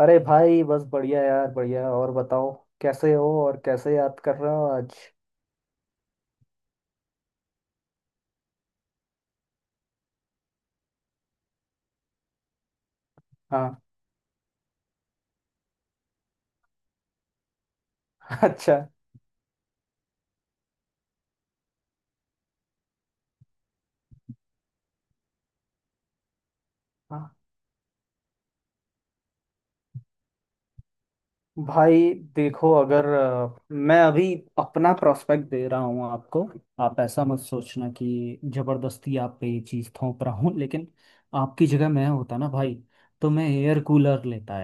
अरे भाई बस बढ़िया यार बढ़िया और बताओ। कैसे हो और कैसे याद कर रहे हो आज। हाँ। अच्छा। हाँ भाई देखो अगर मैं अभी अपना प्रोस्पेक्ट दे रहा हूँ आपको। आप ऐसा मत सोचना कि जबरदस्ती आप पे ये चीज़ थोप रहा हूँ, लेकिन आपकी जगह मैं होता ना भाई, तो मैं एयर कूलर लेता।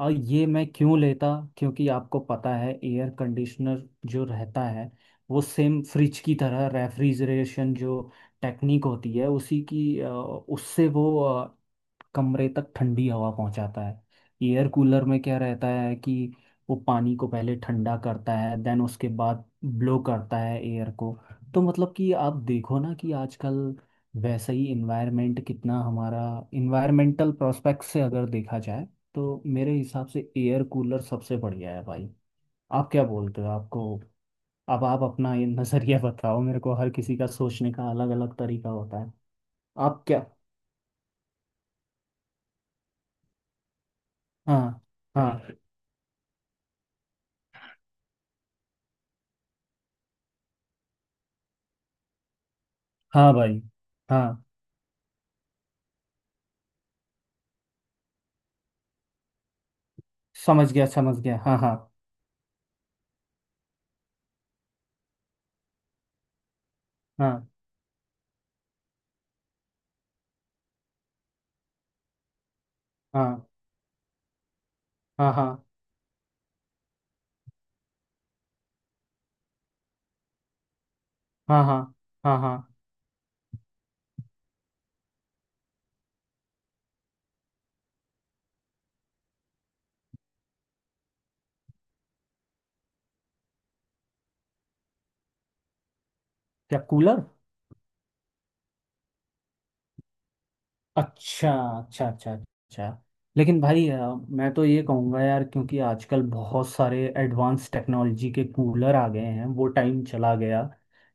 और ये मैं क्यों लेता, क्योंकि आपको पता है एयर कंडीशनर जो रहता है वो सेम फ्रिज की तरह रेफ्रिजरेशन जो टेक्निक होती है उसी की उससे वो कमरे तक ठंडी हवा पहुंचाता है। एयर कूलर में क्या रहता है कि वो पानी को पहले ठंडा करता है, देन उसके बाद ब्लो करता है एयर को। तो मतलब कि आप देखो ना कि आजकल वैसा ही इन्वायरमेंट कितना हमारा इन्वायरमेंटल प्रोस्पेक्ट से अगर देखा जाए तो मेरे हिसाब से एयर कूलर सबसे बढ़िया है भाई। आप क्या बोलते हो आपको, अब आप अपना ये नजरिया बताओ मेरे को। हर किसी का सोचने का अलग अलग तरीका होता है। आप क्या। हाँ हाँ हाँ भाई, हाँ। समझ गया समझ गया, हाँ हाँ हाँ हाँ हाँ हाँ हाँ हाँ हाँ हाँ। क्या कूलर। अच्छा अच्छा अच्छा अच्छा। लेकिन भाई मैं तो ये कहूँगा यार, क्योंकि आजकल बहुत सारे एडवांस टेक्नोलॉजी के कूलर आ गए हैं, वो टाइम चला गया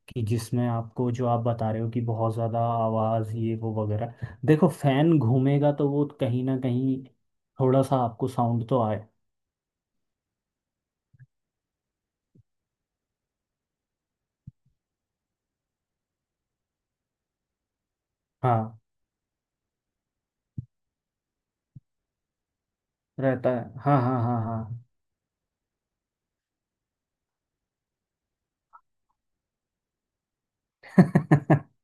कि जिसमें आपको जो आप बता रहे हो कि बहुत ज़्यादा आवाज़ ये वो वगैरह। देखो फैन घूमेगा तो वो कहीं ना कहीं थोड़ा सा आपको साउंड तो आए। हाँ रहता है हाँ हाँ हाँ हाँ।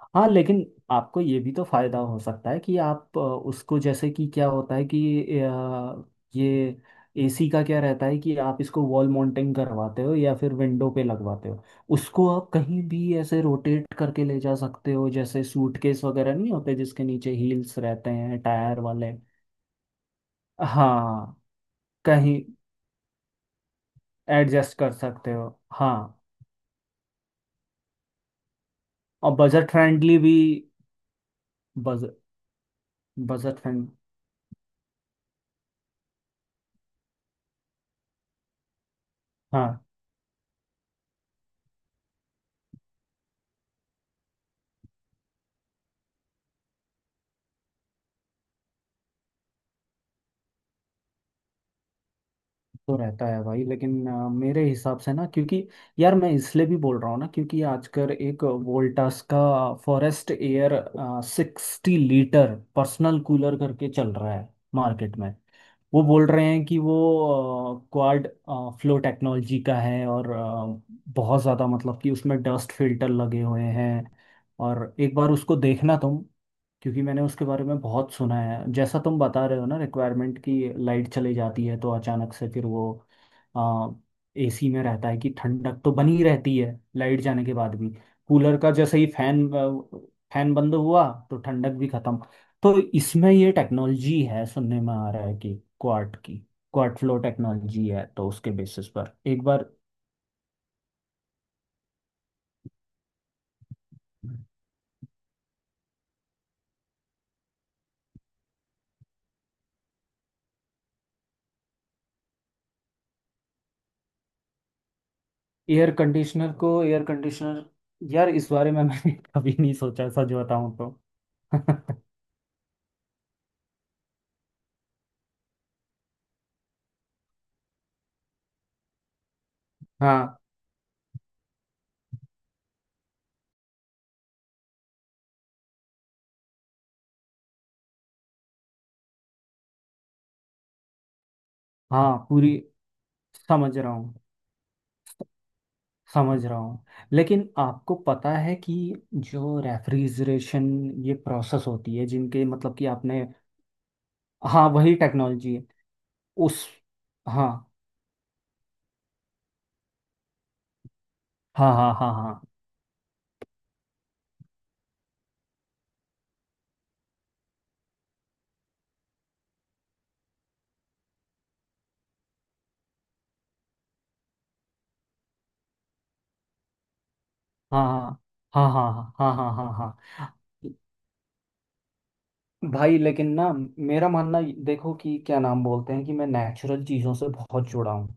हाँ लेकिन आपको ये भी तो फायदा हो सकता है कि आप उसको जैसे कि क्या होता है कि ये एसी का क्या रहता है कि आप इसको वॉल माउंटिंग करवाते हो या फिर विंडो पे लगवाते हो, उसको आप कहीं भी ऐसे रोटेट करके ले जा सकते हो, जैसे सूटकेस वगैरह नहीं होते जिसके नीचे हील्स रहते हैं टायर वाले। हाँ कहीं एडजस्ट कर सकते हो, हाँ और बजट फ्रेंडली भी। बजट, बजट फ्रेंड, हाँ। तो रहता है भाई, लेकिन मेरे हिसाब से ना, क्योंकि यार मैं इसलिए भी बोल रहा हूँ ना क्योंकि आजकल एक वोल्टास का forest air 60 litre personal cooler करके चल रहा है मार्केट में। वो बोल रहे हैं कि वो क्वाड फ्लो टेक्नोलॉजी का है, और बहुत ज़्यादा मतलब कि उसमें डस्ट फिल्टर लगे हुए हैं, और एक बार उसको देखना तुम। क्योंकि मैंने उसके बारे में बहुत सुना है, जैसा तुम बता रहे हो ना, रिक्वायरमेंट की लाइट चली जाती है तो अचानक से फिर वो एसी में रहता है कि ठंडक तो बनी रहती है लाइट जाने के बाद भी। कूलर का जैसे ही फैन फैन बंद हुआ तो ठंडक भी खत्म। तो इसमें ये टेक्नोलॉजी है, सुनने में आ रहा है कि क्वार्ट की क्वार्ट फ्लो टेक्नोलॉजी है, तो उसके बेसिस पर एक बार। एयर कंडीशनर को एयर कंडीशनर, यार इस बारे में मैंने कभी नहीं सोचा, सच बताऊं तो। हाँ हाँ पूरी, समझ रहा हूँ समझ रहा हूँ, लेकिन आपको पता है कि जो रेफ्रिजरेशन ये प्रोसेस होती है जिनके मतलब कि आपने। हाँ वही टेक्नोलॉजी है। उस हाँ हाँ हाँ हाँ हाँ हाँ हाँ हाँ हाँ हाँ हाँ हाँ हाँ। हाँ। भाई लेकिन ना मेरा मानना देखो, कि क्या नाम बोलते हैं कि मैं नेचुरल चीज़ों से बहुत जुड़ा हूँ।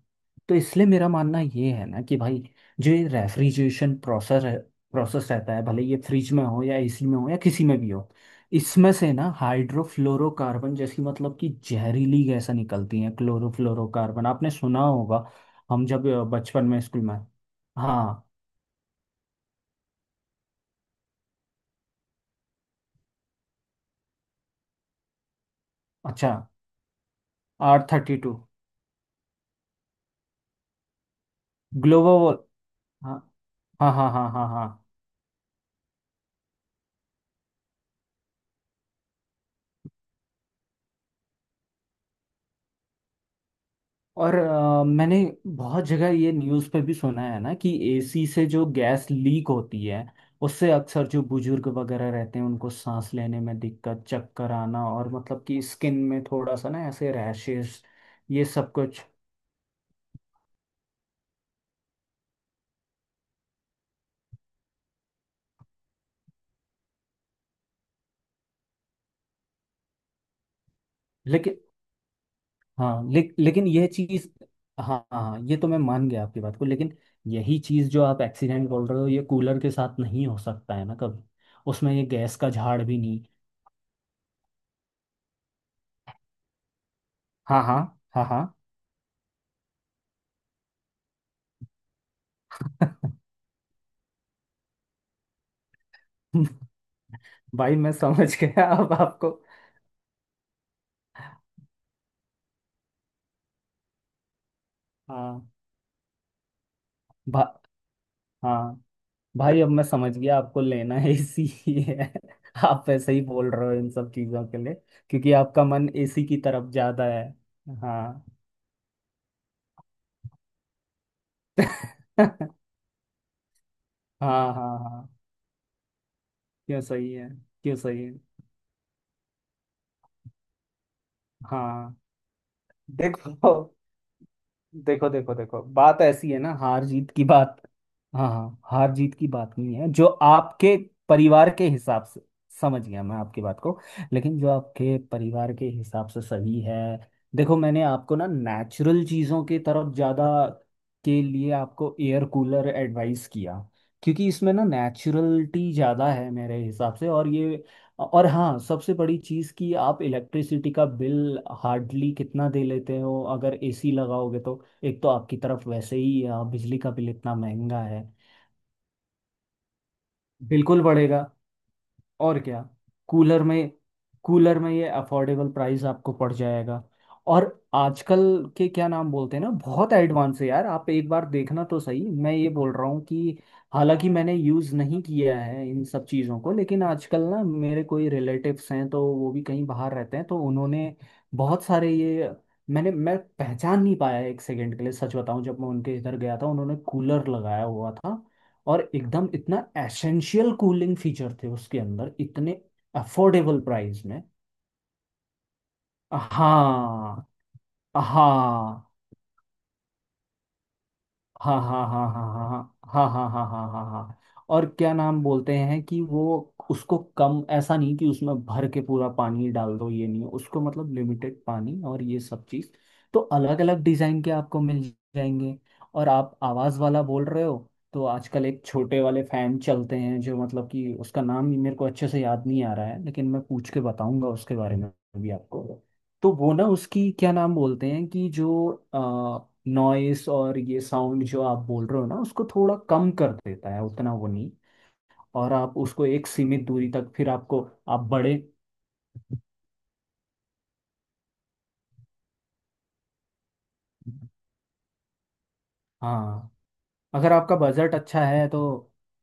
तो इसलिए मेरा मानना ये है ना कि भाई जो ये रेफ्रिजरेशन प्रोसेस है प्रोसेस रहता है, भले ये फ्रिज में हो या एसी में हो या किसी में भी हो। इसमें से ना हाइड्रोफ्लोरोकार्बन जैसी मतलब कि जहरीली गैसें निकलती हैं, क्लोरोफ्लोरोकार्बन आपने सुना होगा। हम जब बचपन में स्कूल में। हाँ अच्छा R32, हाँ हाँ हाँ हाँ हाँ हाँ। और मैंने बहुत जगह ये न्यूज़ पे भी सुना है ना कि एसी से जो गैस लीक होती है उससे अक्सर जो बुजुर्ग वगैरह रहते हैं उनको सांस लेने में दिक्कत, चक्कर आना, और मतलब कि स्किन में थोड़ा सा ना ऐसे रैशेस ये सब कुछ, लेकिन। हाँ लेकिन यह चीज़। हाँ हाँ, ये तो मैं मान गया आपकी बात को, लेकिन यही चीज़ जो आप एक्सीडेंट बोल रहे हो ये कूलर के साथ नहीं हो सकता है ना कभी। उसमें ये गैस का झाड़ भी नहीं। हाँ हाँ हाँ हाँ। भाई मैं समझ गया अब आपको। हाँ भा, हाँ भाई, अब मैं समझ गया आपको लेना है एसी ही है। आप वैसे ही बोल रहे हो इन सब चीजों के लिए, क्योंकि आपका मन एसी की तरफ ज्यादा है। हाँ हाँ हाँ हाँ, क्यों सही है। क्यों सही है। हाँ। देखो देखो देखो देखो, बात ऐसी है ना, हार जीत की बात। हाँ हाँ, हार जीत की बात नहीं है, जो आपके परिवार के हिसाब से। समझ गया मैं आपकी बात को, लेकिन जो आपके परिवार के हिसाब से सही है। देखो मैंने आपको ना नेचुरल चीज़ों की तरफ ज़्यादा के लिए आपको एयर कूलर एडवाइस किया, क्योंकि इसमें ना नेचुरलिटी ज़्यादा है मेरे हिसाब से। और ये, और हाँ सबसे बड़ी चीज़ कि आप इलेक्ट्रिसिटी का बिल हार्डली कितना दे लेते हो, अगर एसी लगाओगे तो एक तो आपकी तरफ वैसे ही बिजली का बिल इतना महंगा है। बिल्कुल बढ़ेगा। और क्या। कूलर में, कूलर में ये अफोर्डेबल प्राइस आपको पड़ जाएगा। और आजकल के क्या नाम बोलते हैं ना, बहुत एडवांस है यार, आप एक बार देखना तो सही, मैं ये बोल रहा हूँ कि हालांकि मैंने यूज़ नहीं किया है इन सब चीज़ों को, लेकिन आजकल ना मेरे कोई रिलेटिव्स हैं तो वो भी कहीं बाहर रहते हैं तो उन्होंने बहुत सारे ये। मैं पहचान नहीं पाया एक सेकंड के लिए, सच बताऊं जब मैं उनके इधर गया था उन्होंने कूलर लगाया हुआ था, और एकदम इतना एसेंशियल कूलिंग फीचर थे उसके अंदर, इतने अफोर्डेबल प्राइस में। हाँ हाँ हाँ हाँ हाँ हाँ हाँ हाँ हाँ हाँ हाँ हाँ हाँ हाँ। और क्या नाम बोलते हैं कि वो उसको कम, ऐसा नहीं कि उसमें भर के पूरा पानी डाल दो, ये नहीं, उसको मतलब लिमिटेड पानी और ये सब चीज़। तो अलग अलग डिज़ाइन के आपको मिल जाएंगे। और आप आवाज़ वाला बोल रहे हो, तो आजकल एक छोटे वाले फ़ैन चलते हैं जो मतलब कि उसका नाम ही मेरे को अच्छे से याद नहीं आ रहा है, लेकिन मैं पूछ के बताऊंगा उसके बारे में भी आपको। तो वो ना उसकी क्या नाम बोलते हैं कि जो नॉइस और ये साउंड जो आप बोल रहे हो ना उसको थोड़ा कम कर देता है, उतना वो नहीं। और आप उसको एक सीमित दूरी तक फिर आपको। आप बड़े। हाँ अगर आपका बजट अच्छा है तो।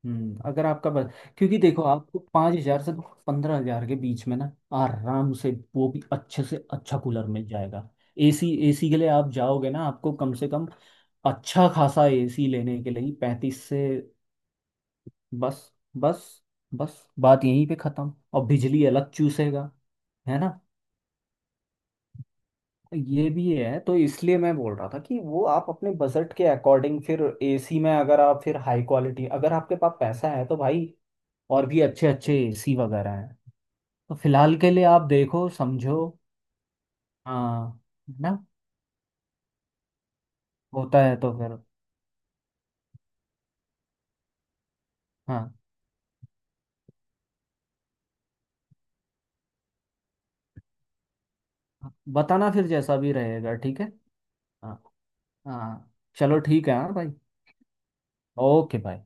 अगर आपका बज। क्योंकि देखो, आपको 5,000 से 15,000 के बीच में ना आराम से वो भी अच्छे से अच्छा कूलर मिल जाएगा। एसी एसी के लिए आप जाओगे ना, आपको कम से कम अच्छा खासा एसी लेने के लिए 35 से। बस। बस। बस बात यहीं पे खत्म, और बिजली अलग चूसेगा, है ना। ये भी है, तो इसलिए मैं बोल रहा था कि वो आप अपने बजट के अकॉर्डिंग फिर एसी में अगर आप फिर हाई क्वालिटी, अगर आपके पास पैसा है तो भाई और भी अच्छे अच्छे एसी वगैरह हैं। तो फिलहाल के लिए आप देखो समझो। हाँ। है ना। होता है तो फिर। हाँ। बताना फिर जैसा भी रहेगा, ठीक है। हाँ हाँ। चलो ठीक है हाँ भाई। ओके भाई।